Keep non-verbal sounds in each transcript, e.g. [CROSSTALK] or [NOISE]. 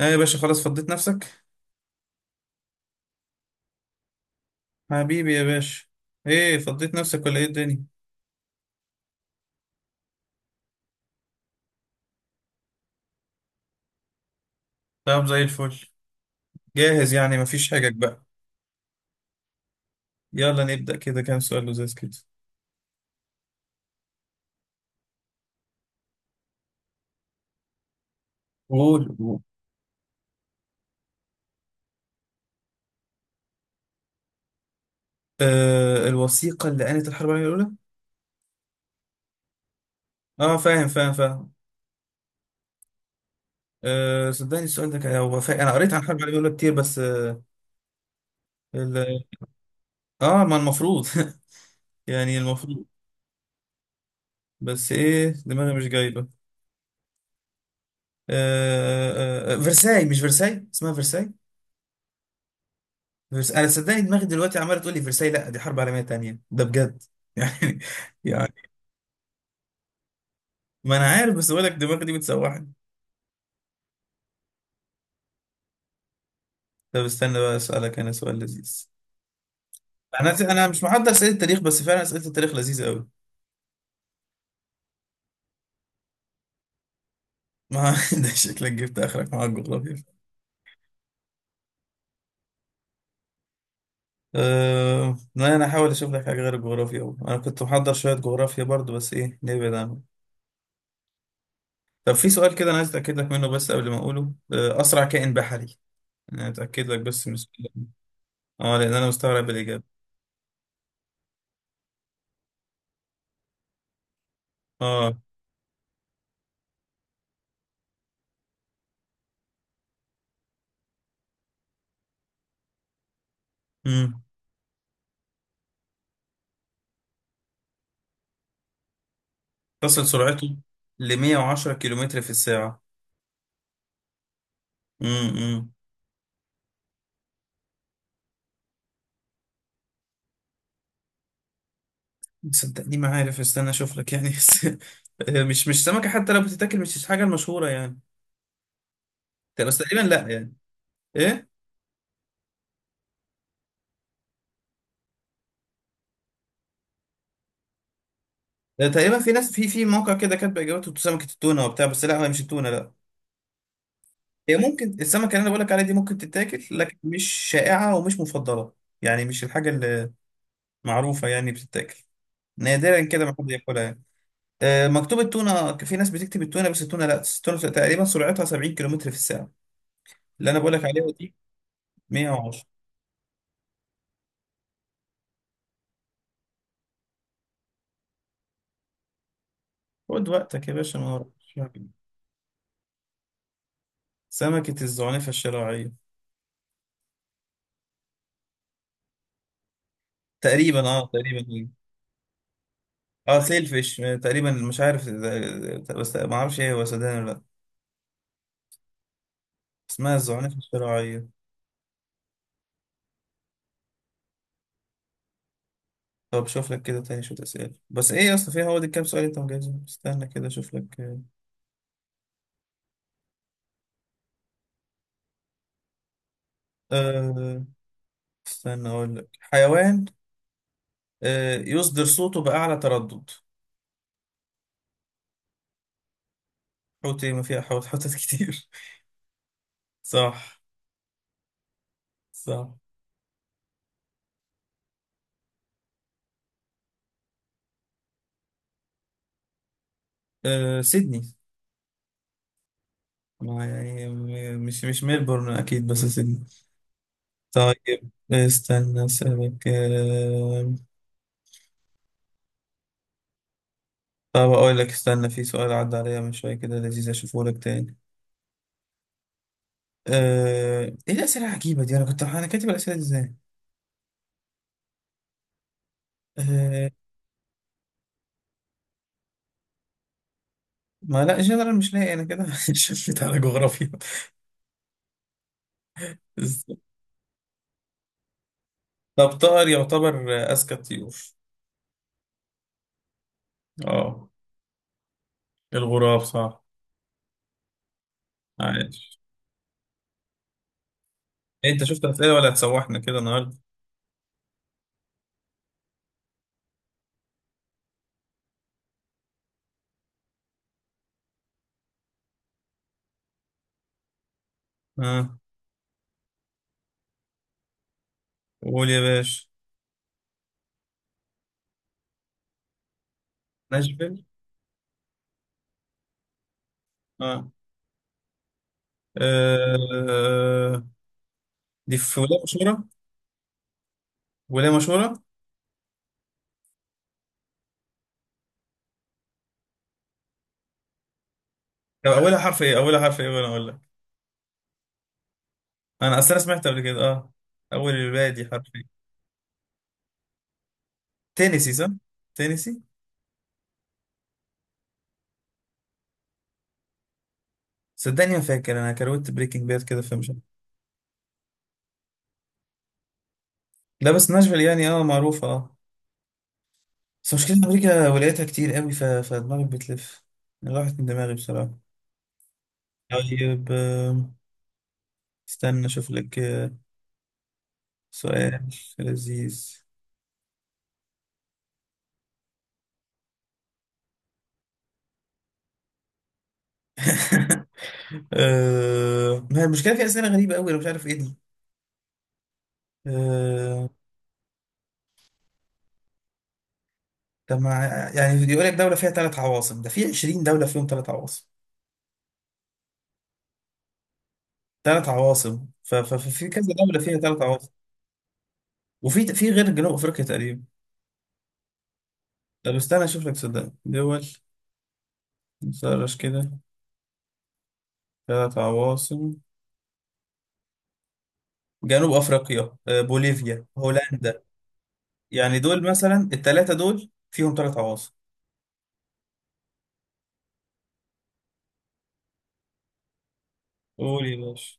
ايه يا باشا، خلاص فضيت نفسك؟ حبيبي يا باشا. ايه فضيت نفسك ولا ايه الدنيا؟ طب زي الفل، جاهز يعني مفيش حاجة بقى؟ يلا نبدأ كده، كام سؤال لذيذ كده. قول قول. آه، الوثيقة اللي قالت الحرب العالمية الأولى. اه، فاهم فاهم فاهم. آه، صدقني السؤال ده كان هو انا قريت عن الحرب العالمية الأولى كتير، بس ال... ما المفروض. [LAUGHS] يعني المفروض. بس ايه دماغي مش جايبة. آه فرساي، مش فرساي، اسمها فرساي. بس انا صدقني دماغي دلوقتي عماله تقول لي فرساي، لا دي حرب عالميه تانية ده بجد، [LAUGHS] يعني يعني. ما انا عارف بس بقول لك دماغي دي بتسوحني. طب استنى بقى اسالك انا سؤال لذيذ. انا مش محضر اسئله التاريخ، بس فعلا اسئله التاريخ لذيذه قوي. ما [LAUGHS] ده شكلك جبت اخرك مع الجغرافيا. لا انا هحاول اشوف لك حاجه غير الجغرافيا أوي. انا كنت محضر شويه جغرافيا برضو، بس ايه نبعد عنه. طب في سؤال كده انا عايز اتاكد لك منه بس قبل ما اقوله. اسرع كائن بحري. انا اتاكد لك بس من السؤال ده. اه لان انا مستغرب الاجابه. اه تصل سرعته ل 110 كيلومتر في الساعة. امم صدقني ما عارف استنى اشوف لك يعني، [LAUGHS] بس مش سمكة، حتى لو بتتاكل مش الحاجة المشهورة يعني. بس تقريبا لا يعني ايه. ده تقريبا في ناس في موقع كده كاتب اجابته سمكة التونة وبتاع، بس لا هي مش التونة لا. هي ممكن السمكة اللي انا بقول لك عليها دي ممكن تتاكل، لكن مش شائعة ومش مفضلة. يعني مش الحاجة اللي معروفة يعني بتتاكل. نادرا كده ما حد ياكلها يعني. مكتوب التونة، في ناس بتكتب التونة، بس التونة لا، التونة تقريبا سرعتها 70 كيلومتر في الساعة. اللي أنا بقولك عليها دي 110. خد وقتك يا باشا، ما وراكش حاجة. سمكة الزعنفة الشراعية. تقريبا تقريبا إيه. اه سيل فيش، تقريبا مش عارف بس ما اعرفش ايه هو سدان ولا لا. اسمها الزعنفة الشراعية. طب شوف لك كده تاني شوية أسئلة، بس ايه يا اسطى فيها، هو دي كام سؤال انت مجهزهم، استنى كده اشوف لك. آه، استنى اقول لك حيوان يصدر صوته بأعلى تردد. حوت ايه، ما فيها حوت، حوتات كتير. [LAUGHS] صح صح. سيدني. ما يعني، مش ميلبورن اكيد، بس سيدني. طيب استنى اسالك. طب اقول لك، استنى في سؤال عدى عليا من شويه كده لذيذ اشوفه لك تاني. ايه الاسئله العجيبه دي، انا كنت كاتب الاسئله دي ازاي. أه ما لا جنرال مش لاقي انا كده. [LAUGHS] شفت على جغرافيا [LAUGHS] طب طائر يعتبر اذكى الطيور. اه، الغراب صح. عايش. إيه، انت شفت اسئله ولا هتسوحنا كده النهارده؟ اه، قول يا باشا. ناشفيل، اه آه، دي في ولايه مشهوره. ولايه مشهوره. طب اولها حرف ايه، اولها حرف ايه وانا اقول لك. انا اصل انا سمعت قبل كده اول الباقي دي حرف ايه. تينيسي صح. تينيسي. صدقني ما فاكر انا كروت بريكنج باد كده فمش عارف. لا بس ناشفيل يعني معروفه اه بس مشكله إن امريكا ولايتها كتير قوي فدماغي بتلف. راحت من دماغي بصراحه. طيب استنى اشوف لك سؤال لذيذ. [LAUGHS] ما هي المشكلة، في أسئلة غريبة أوي أنا مش عارف إيه دي. آه، طب ما يعني يقول لك دولة فيها ثلاث عواصم، ده في 20 دولة فيهم ثلاث عواصم. ثلاث عواصم، ففي كذا دولة فيها ثلاث عواصم. وفي غير جنوب أفريقيا تقريبا. طب استنى أشوف لك صدق دول، نسرش كده. ثلاث عواصم: جنوب أفريقيا، بوليفيا، هولندا. يعني دول مثلا الثلاثة دول فيهم ثلاث عواصم. قول يا باشا.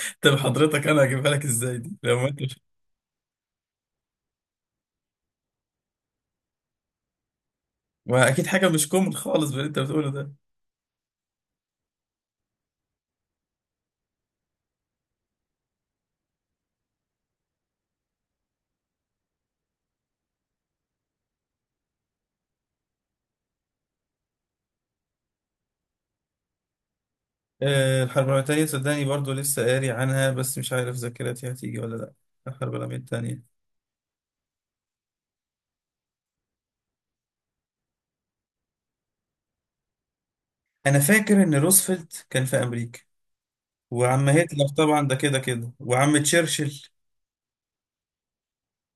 [LAUGHS] طب حضرتك، انا هجيبها لك ازاي دي لو ما انت. ما اكيد حاجه مش كومن خالص باللي انت بتقوله ده. الحرب العالميه التانيه، صدقني برضو لسه قاري عنها، بس مش عارف ذاكرتي هتيجي ولا لا. الحرب العالميه التانيه. انا فاكر ان روزفلت كان في امريكا، وعم هتلر طبعا ده كده كده، وعم تشرشل.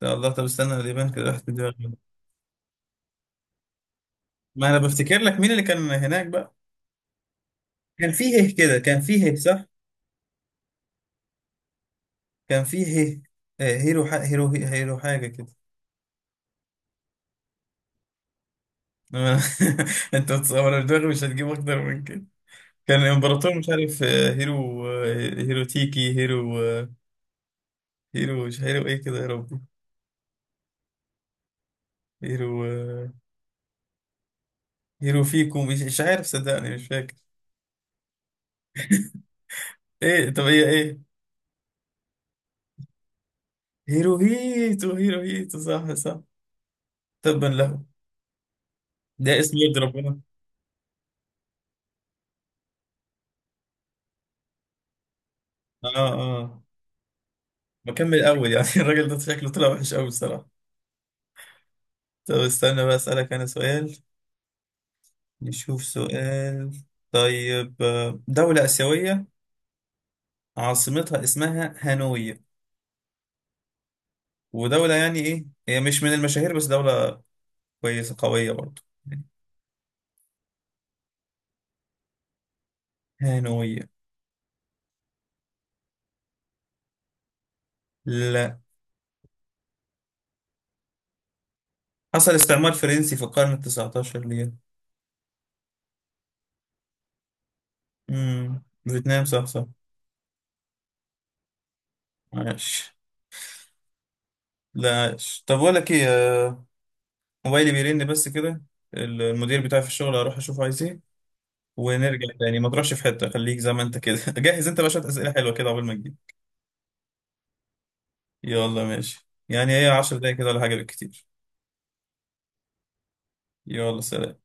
يا الله، طب استنى، اليابان كده راحت من دماغي. ما انا بفتكر لك مين اللي كان هناك بقى. كان فيه هيه كده، كان فيه هيه صح. كان فيه هيه. هيرو هيرو هيرو حاجه كده. [LAUGHS] انت بتصور دماغي مش هتجيب اكتر من كده. كان الامبراطور مش عارف، هيرو هيرو تيكي هيرو هيرو مش هيرو ايه كده يا ربي. هيرو هيرو فيكو، مش عارف، صدقني مش فاكر. ايه طب هي ايه. هيرو هيتو هيرو هيتو صح صح. تبا له. ده اسم يد ربنا. اه اه، بكمل اول يعني. [LAUGHS] الراجل ده شكله طلع وحش قوي بصراحة. طب استنى بقى اسألك انا سؤال. نشوف سؤال. طيب دولة آسيوية عاصمتها اسمها هانوي. ودولة يعني إيه، هي مش من المشاهير، بس دولة كويسة قوية برضه. هانوية. لا. حصل استعمار فرنسي في القرن التسعتاشر ليها. امم، فيتنام، صح صح. عاش. لا عاش، طب بقول لك إيه، موبايلي بيرن بس كده. المدير بتاعي في الشغل هروح أشوفه عايز إيه، ونرجع تاني. ما تروحش في حتة، خليك زي ما أنت كده. [LAUGHS] جهز أنت بقى شوية أسئلة حلوة كده قبل ما تجيب. يلا ماشي، يعني هي 10 دقايق كده ولا حاجة بالكتير. يلا سلام.